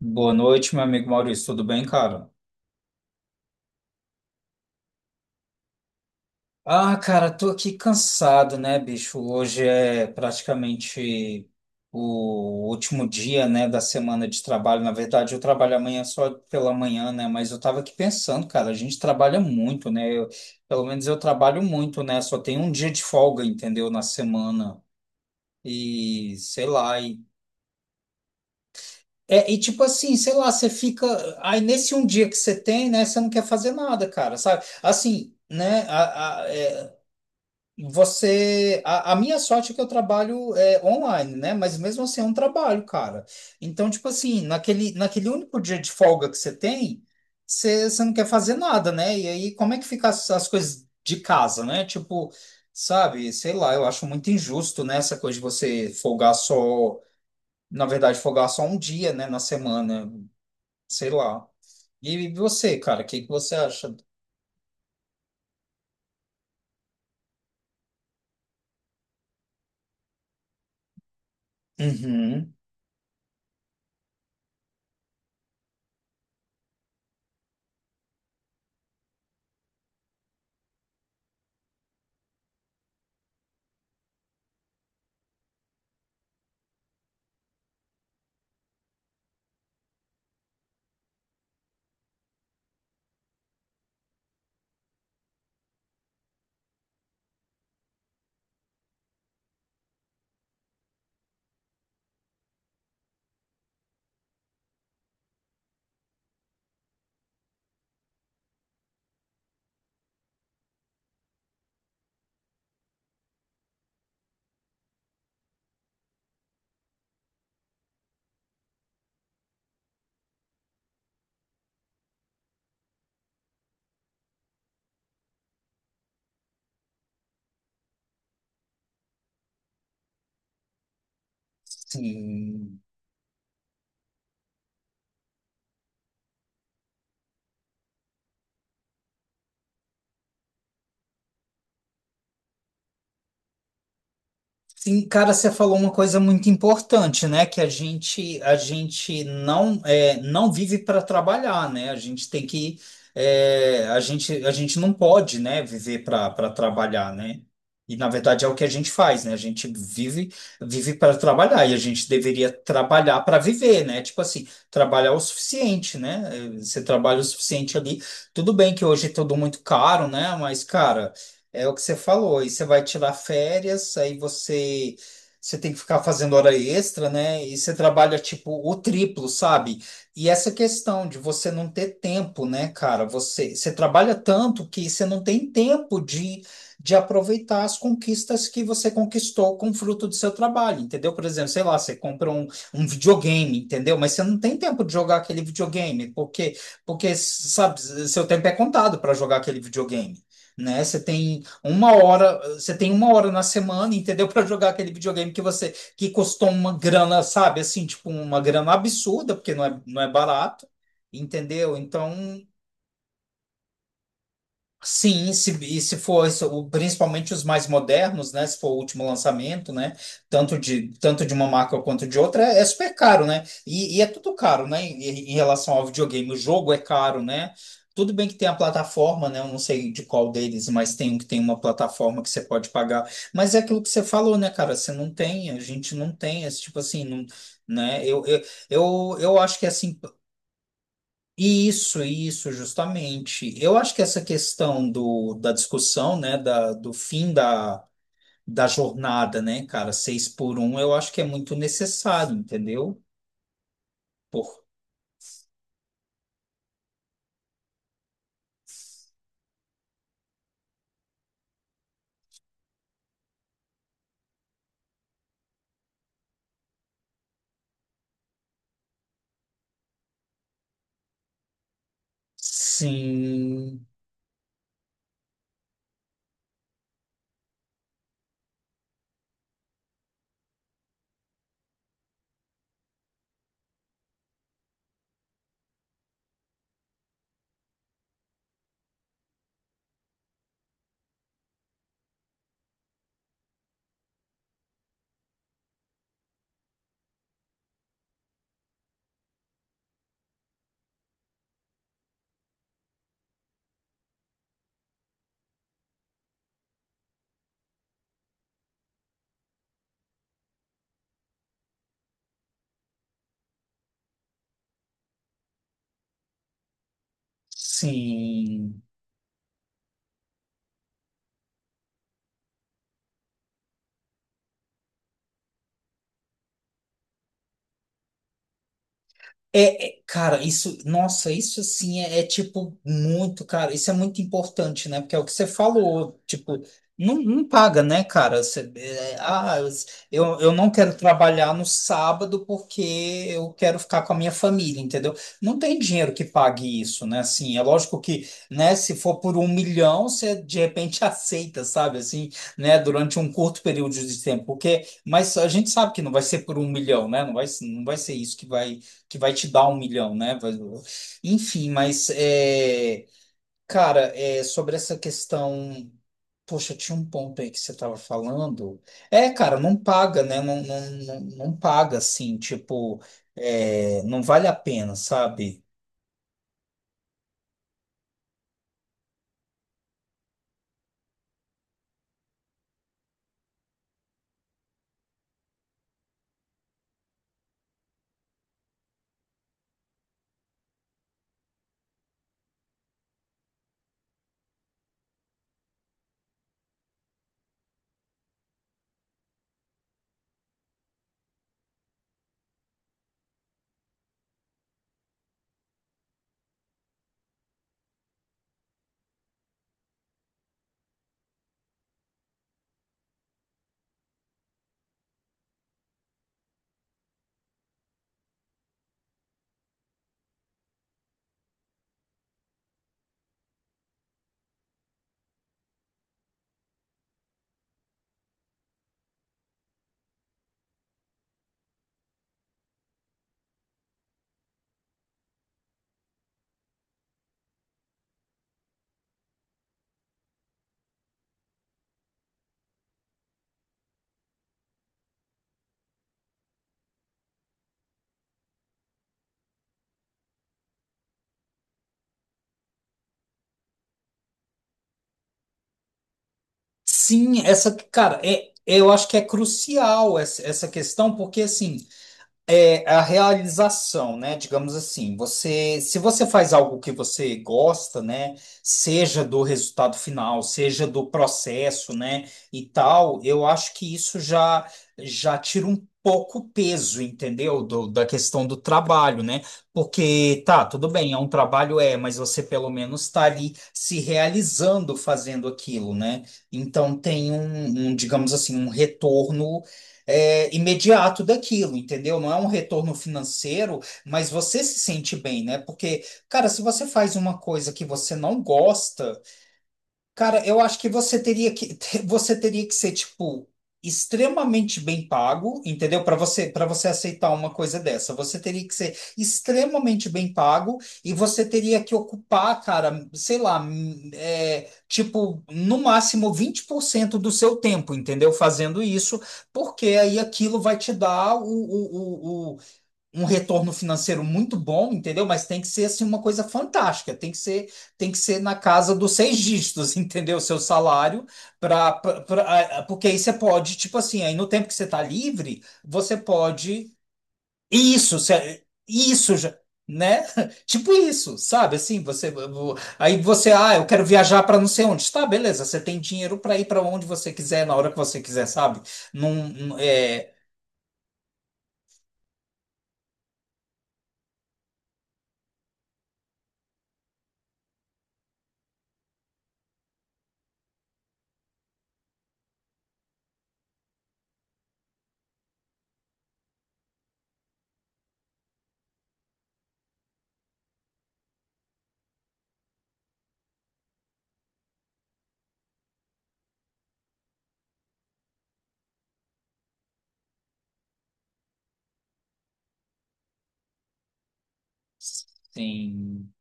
Boa noite, meu amigo Maurício. Tudo bem, cara? Ah, cara, tô aqui cansado, né, bicho? Hoje é praticamente o último dia, né, da semana de trabalho. Na verdade, eu trabalho amanhã só pela manhã, né? Mas eu tava aqui pensando, cara, a gente trabalha muito, né? Pelo menos eu trabalho muito, né? Só tem um dia de folga, entendeu? Na semana. E sei lá. É, e tipo assim, sei lá, você fica. Aí nesse um dia que você tem, né, você não quer fazer nada, cara, sabe? Assim, né, você. A minha sorte é que eu trabalho online, né, mas mesmo assim é um trabalho, cara. Então, tipo assim, naquele único dia de folga que você tem, você não quer fazer nada, né? E aí, como é que ficam as coisas de casa, né? Tipo, sabe, sei lá, eu acho muito injusto, né, essa coisa de você folgar só. Na verdade, folgar só um dia, né, na semana. Sei lá. E você, cara, o que que você acha? Uhum. Sim. Sim, cara, você falou uma coisa muito importante, né? Que a gente não vive para trabalhar, né? A gente tem que, a gente não pode, né? Viver para trabalhar, né? E na verdade é o que a gente faz, né? A gente vive para trabalhar e a gente deveria trabalhar para viver, né? Tipo assim, trabalhar o suficiente, né? Você trabalha o suficiente ali, tudo bem que hoje é tudo muito caro, né? Mas, cara, é o que você falou, aí você vai tirar férias, aí você tem que ficar fazendo hora extra, né? E você trabalha tipo o triplo, sabe? E essa questão de você não ter tempo, né, cara? Você trabalha tanto que você não tem tempo de aproveitar as conquistas que você conquistou com o fruto do seu trabalho, entendeu? Por exemplo, sei lá, você compra um videogame, entendeu? Mas você não tem tempo de jogar aquele videogame, porque, sabe, seu tempo é contado para jogar aquele videogame, né? Você tem uma hora, você tem uma hora na semana, entendeu? Para jogar aquele videogame que custou uma grana, sabe? Assim, tipo, uma grana absurda, porque não é barato, entendeu? Então. Sim, se, e se for isso, principalmente os mais modernos, né? Se for o último lançamento, né? Tanto de uma marca quanto de outra, é super caro, né? E é tudo caro, né? Em relação ao videogame, o jogo é caro, né? Tudo bem que tem a plataforma, né? Eu não sei de qual deles, mas tem um que tem uma plataforma que você pode pagar. Mas é aquilo que você falou, né, cara? Você não tem, a gente não tem esse tipo assim, não, né? Eu acho que assim. Isso, justamente. Eu acho que essa questão da discussão, né, do fim da jornada, né, cara, seis por um, eu acho que é muito necessário, entendeu? Por... Sim, sim. É, cara, isso, nossa, isso assim é, tipo muito, cara, isso é muito importante, né? Porque é o que você falou, tipo, não, não paga, né, cara? Você, é, ah, eu não quero trabalhar no sábado porque eu quero ficar com a minha família, entendeu? Não tem dinheiro que pague isso, né? Assim, é lógico que, né, se for por 1 milhão, você de repente aceita, sabe? Assim, né, durante um curto período de tempo, mas a gente sabe que não vai ser por 1 milhão, né? Não vai ser isso que vai te dar 1 milhão, né? Enfim, mas cara, é sobre essa questão. Poxa, tinha um ponto aí que você estava falando. É, cara, não paga, né? Não, não, não, não paga assim, tipo, não vale a pena, sabe? Sim, cara, eu acho que é crucial essa questão, porque assim. É a realização, né? Digamos assim, se você faz algo que você gosta, né? Seja do resultado final, seja do processo, né? E tal, eu acho que isso já tira um pouco o peso, entendeu? Da questão do trabalho, né? Porque tá, tudo bem, é um trabalho, mas você pelo menos está ali se realizando fazendo aquilo, né? Então tem um, digamos assim, um retorno, imediato daquilo, entendeu? Não é um retorno financeiro, mas você se sente bem, né? Porque, cara, se você faz uma coisa que você não gosta. Cara, eu acho que você teria que você teria que ser tipo extremamente bem pago, entendeu? Para você aceitar uma coisa dessa, você teria que ser extremamente bem pago e você teria que ocupar, cara, sei lá, tipo no máximo 20% do seu tempo, entendeu? Fazendo isso, porque aí aquilo vai te dar um retorno financeiro muito bom, entendeu? Mas tem que ser assim uma coisa fantástica, tem que ser na casa dos seis dígitos, entendeu? Seu salário, para porque aí você pode, tipo assim, aí no tempo que você está livre, você pode isso, isso já. Né? Tipo isso, sabe? Assim, você aí você, ah, eu quero viajar para não sei onde. Tá, beleza, você tem dinheiro para ir para onde você quiser, na hora que você quiser, sabe? Não, não- é, sim.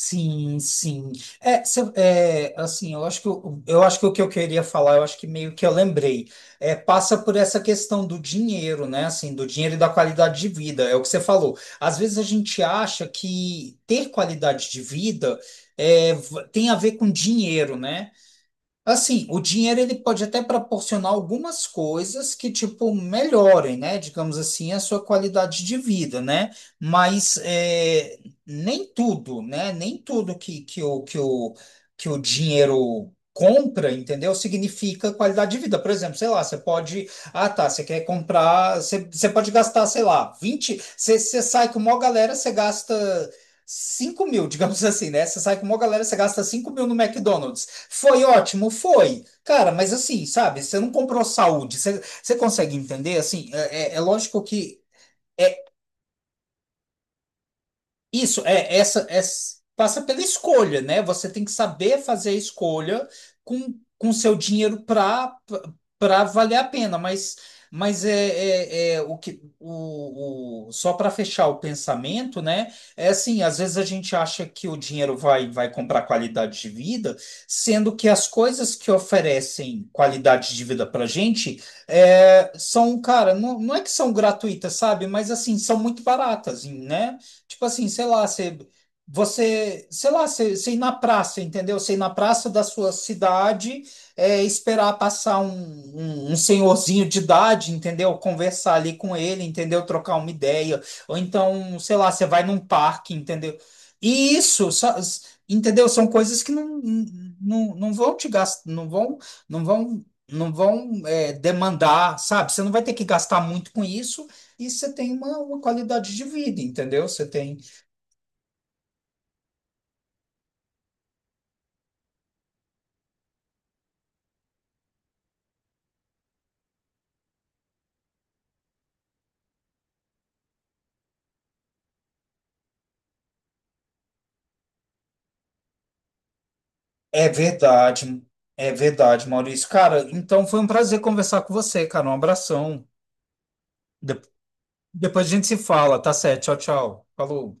Sim, sim. É, assim, eu acho que o que eu queria falar, eu acho que meio que eu lembrei. Passa por essa questão do dinheiro, né? Assim, do dinheiro e da qualidade de vida, é o que você falou. Às vezes a gente acha que ter qualidade de vida tem a ver com dinheiro, né? Assim, o dinheiro, ele pode até proporcionar algumas coisas que, tipo, melhorem, né? Digamos assim, a sua qualidade de vida, né? Mas nem tudo, né? Nem tudo que o dinheiro compra, entendeu? Significa qualidade de vida. Por exemplo, sei lá, você pode. Ah, tá, você quer comprar. Você, você pode gastar, sei lá, vinte. Você sai com uma galera, você gasta 5 mil, digamos assim, né? Você sai com uma galera, você gasta 5 mil no McDonald's. Foi ótimo, foi. Cara, mas assim, sabe, você não comprou saúde. Você consegue entender? Assim, é lógico que. É isso. Passa pela escolha, né? Você tem que saber fazer a escolha com seu dinheiro para valer a pena, mas o que só para fechar o pensamento, né? É assim, às vezes a gente acha que o dinheiro vai comprar qualidade de vida, sendo que as coisas que oferecem qualidade de vida para gente, são, cara, não, não é que são gratuitas, sabe? Mas assim, são muito baratas, né? Tipo assim, sei lá, sei lá, você ir na praça, entendeu? Você ir na praça da sua cidade, esperar passar um senhorzinho de idade, entendeu? Conversar ali com ele, entendeu? Trocar uma ideia. Ou então, sei lá, você vai num parque, entendeu? E isso, entendeu? São coisas que não, não, não vão te gastar, não vão demandar, sabe? Você não vai ter que gastar muito com isso e você tem uma qualidade de vida, entendeu? Você tem. É verdade, é verdade, Maurício. Cara, então foi um prazer conversar com você, cara. Um abração. De- Depois a gente se fala, tá certo? Tchau, tchau. Falou.